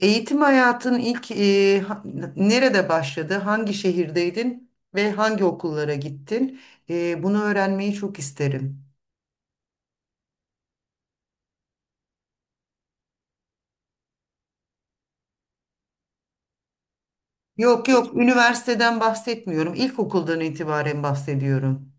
Eğitim hayatın ilk nerede başladı? Hangi şehirdeydin ve hangi okullara gittin? Bunu öğrenmeyi çok isterim. Yok yok, üniversiteden bahsetmiyorum. İlkokuldan itibaren bahsediyorum.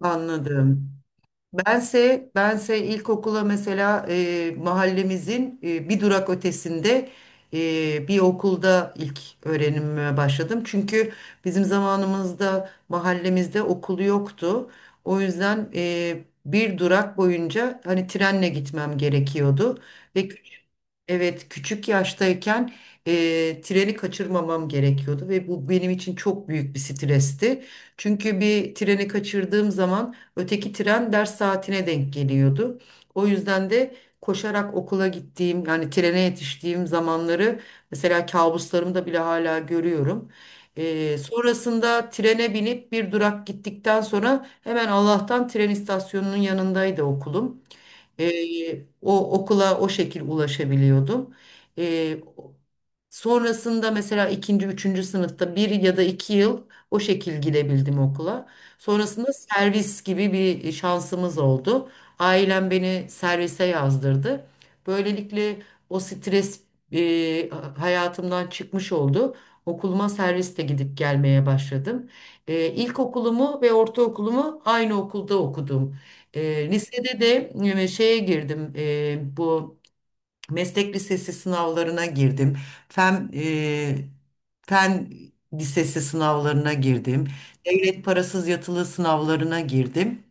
Anladım. Bense ilkokula mesela mahallemizin bir durak ötesinde bir okulda ilk öğrenimime başladım. Çünkü bizim zamanımızda mahallemizde okul yoktu. O yüzden bir durak boyunca hani trenle gitmem gerekiyordu. Ve Evet, küçük yaştayken treni kaçırmamam gerekiyordu ve bu benim için çok büyük bir stresti. Çünkü bir treni kaçırdığım zaman öteki tren ders saatine denk geliyordu. O yüzden de koşarak okula gittiğim yani trene yetiştiğim zamanları mesela kabuslarımda bile hala görüyorum. Sonrasında trene binip bir durak gittikten sonra hemen Allah'tan tren istasyonunun yanındaydı okulum. O okula o şekil ulaşabiliyordum. Ee, Sonrasında mesela ikinci, üçüncü sınıfta bir ya da iki yıl o şekil gidebildim okula. Sonrasında servis gibi bir şansımız oldu. Ailem beni servise yazdırdı. Böylelikle o stres e, hayatımdan çıkmış oldu. Okuluma serviste gidip gelmeye başladım. İlkokulumu ve ortaokulumu aynı okulda okudum. Lisede de şeye girdim. Bu meslek lisesi sınavlarına girdim. Fen, e, fen lisesi sınavlarına girdim. Devlet parasız yatılı sınavlarına girdim.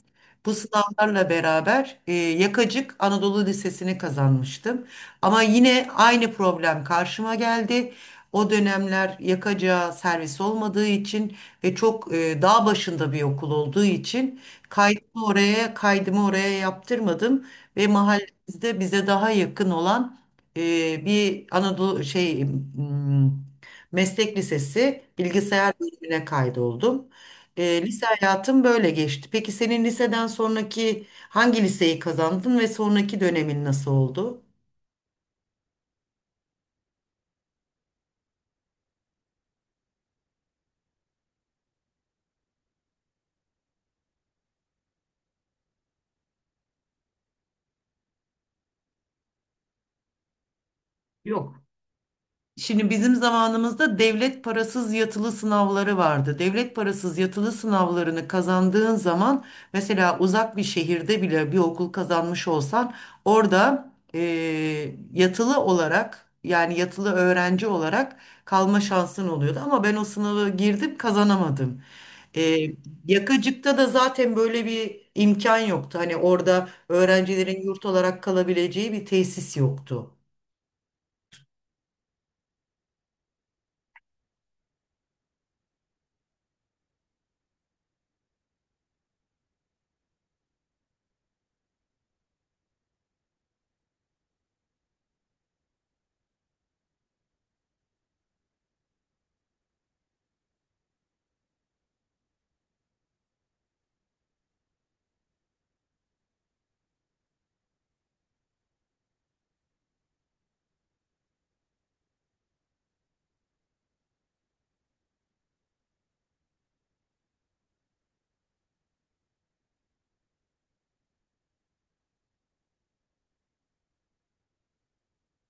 Bu sınavlarla beraber Yakacık Anadolu Lisesi'ni kazanmıştım. Ama yine aynı problem karşıma geldi. O dönemler Yakacık'a servis olmadığı için ve çok dağ başında bir okul olduğu için kaydımı oraya yaptırmadım ve bizde bize daha yakın olan bir Anadolu meslek lisesi bilgisayar bölümüne kaydoldum. Lise hayatım böyle geçti. Peki senin liseden sonraki hangi liseyi kazandın ve sonraki dönemin nasıl oldu? Yok. Şimdi bizim zamanımızda devlet parasız yatılı sınavları vardı. Devlet parasız yatılı sınavlarını kazandığın zaman mesela uzak bir şehirde bile bir okul kazanmış olsan orada yatılı olarak yani yatılı öğrenci olarak kalma şansın oluyordu. Ama ben o sınavı girdim kazanamadım. Eee Yakacık'ta da zaten böyle bir imkan yoktu. Hani orada öğrencilerin yurt olarak kalabileceği bir tesis yoktu.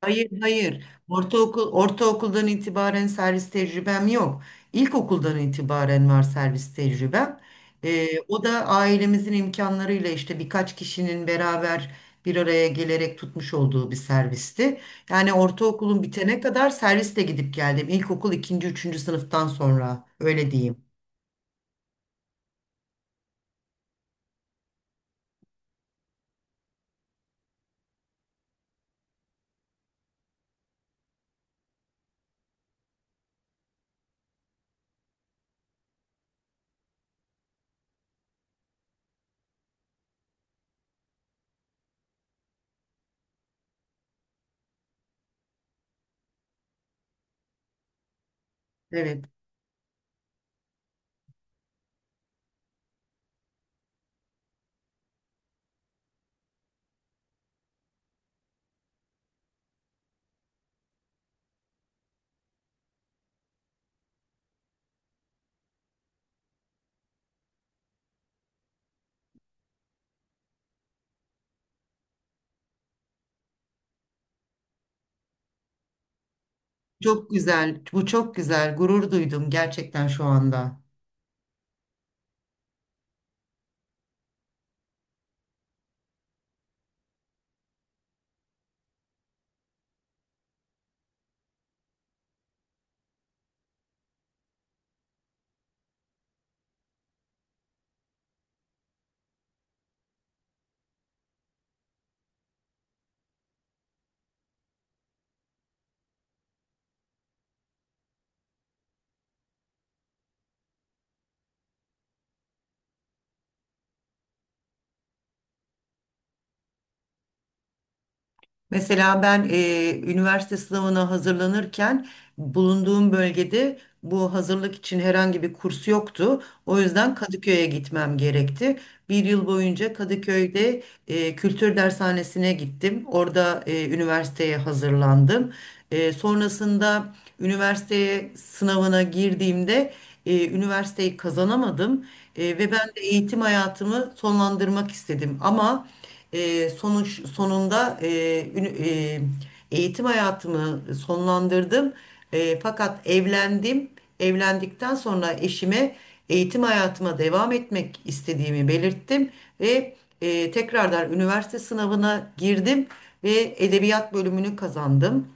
Hayır, hayır. Ortaokuldan itibaren servis tecrübem yok. İlkokuldan itibaren var servis tecrübem. O da ailemizin imkanlarıyla işte birkaç kişinin beraber bir araya gelerek tutmuş olduğu bir servisti. Yani ortaokulun bitene kadar serviste gidip geldim. İlkokul ikinci, üçüncü sınıftan sonra öyle diyeyim. Evet. Çok güzel. Bu çok güzel. Gurur duydum gerçekten şu anda. Mesela ben üniversite sınavına hazırlanırken bulunduğum bölgede bu hazırlık için herhangi bir kurs yoktu. O yüzden Kadıköy'e gitmem gerekti. Bir yıl boyunca Kadıköy'de kültür dershanesine gittim. Orada üniversiteye hazırlandım. Sonrasında üniversiteye sınavına girdiğimde üniversiteyi kazanamadım. Ve ben de eğitim hayatımı sonlandırmak istedim. Ama e, sonuç sonunda ünü- e, eğitim hayatımı sonlandırdım. Fakat evlendim. Evlendikten sonra eşime eğitim hayatıma devam etmek istediğimi belirttim ve tekrardan üniversite sınavına girdim ve edebiyat bölümünü kazandım.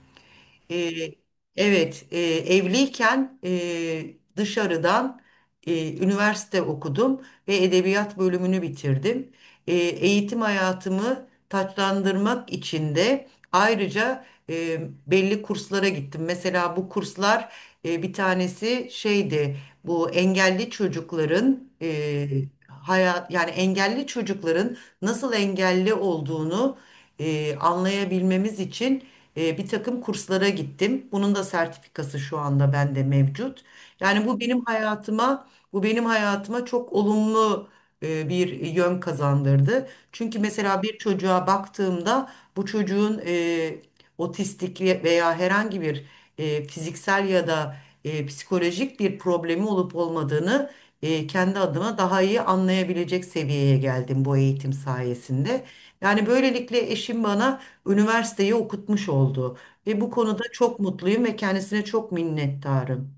Ee, evet, evliyken dışarıdan üniversite okudum ve edebiyat bölümünü bitirdim. Eğitim hayatımı taçlandırmak için de ayrıca e, belli kurslara gittim. Mesela bu kurslar bir tanesi şeydi, bu engelli çocukların e, hayat yani engelli çocukların nasıl engelli olduğunu anlayabilmemiz için bir takım kurslara gittim. Bunun da sertifikası şu anda bende mevcut. Yani bu benim hayatıma çok olumlu bir yön kazandırdı. Çünkü mesela bir çocuğa baktığımda bu çocuğun otistik veya herhangi bir fiziksel ya da psikolojik bir problemi olup olmadığını kendi adıma daha iyi anlayabilecek seviyeye geldim bu eğitim sayesinde. Yani böylelikle eşim bana üniversiteyi okutmuş oldu ve bu konuda çok mutluyum ve kendisine çok minnettarım.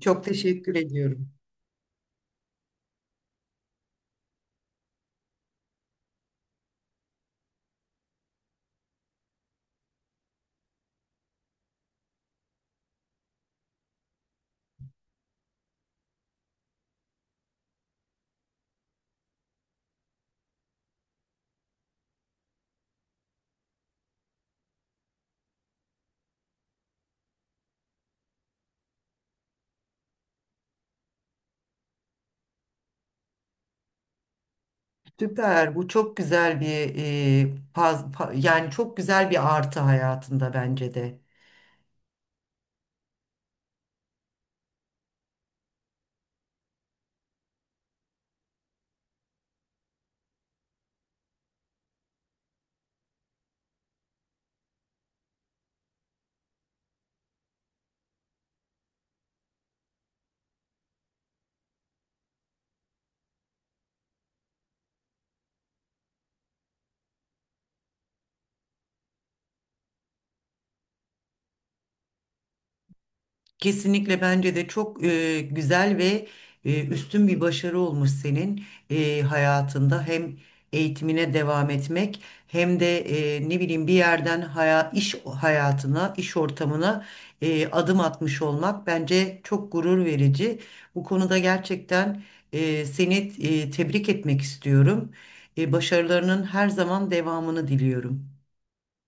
Çok teşekkür ediyorum. Süper. Bu çok güzel bir e, faz, fa- yani çok güzel bir artı hayatında bence de. Kesinlikle bence de çok güzel ve üstün bir başarı olmuş senin hayatında. Hem eğitimine devam etmek hem de ne bileyim bir yerden iş hayatına, iş ortamına adım atmış olmak bence çok gurur verici. Bu konuda gerçekten seni tebrik etmek istiyorum. Başarılarının her zaman devamını diliyorum.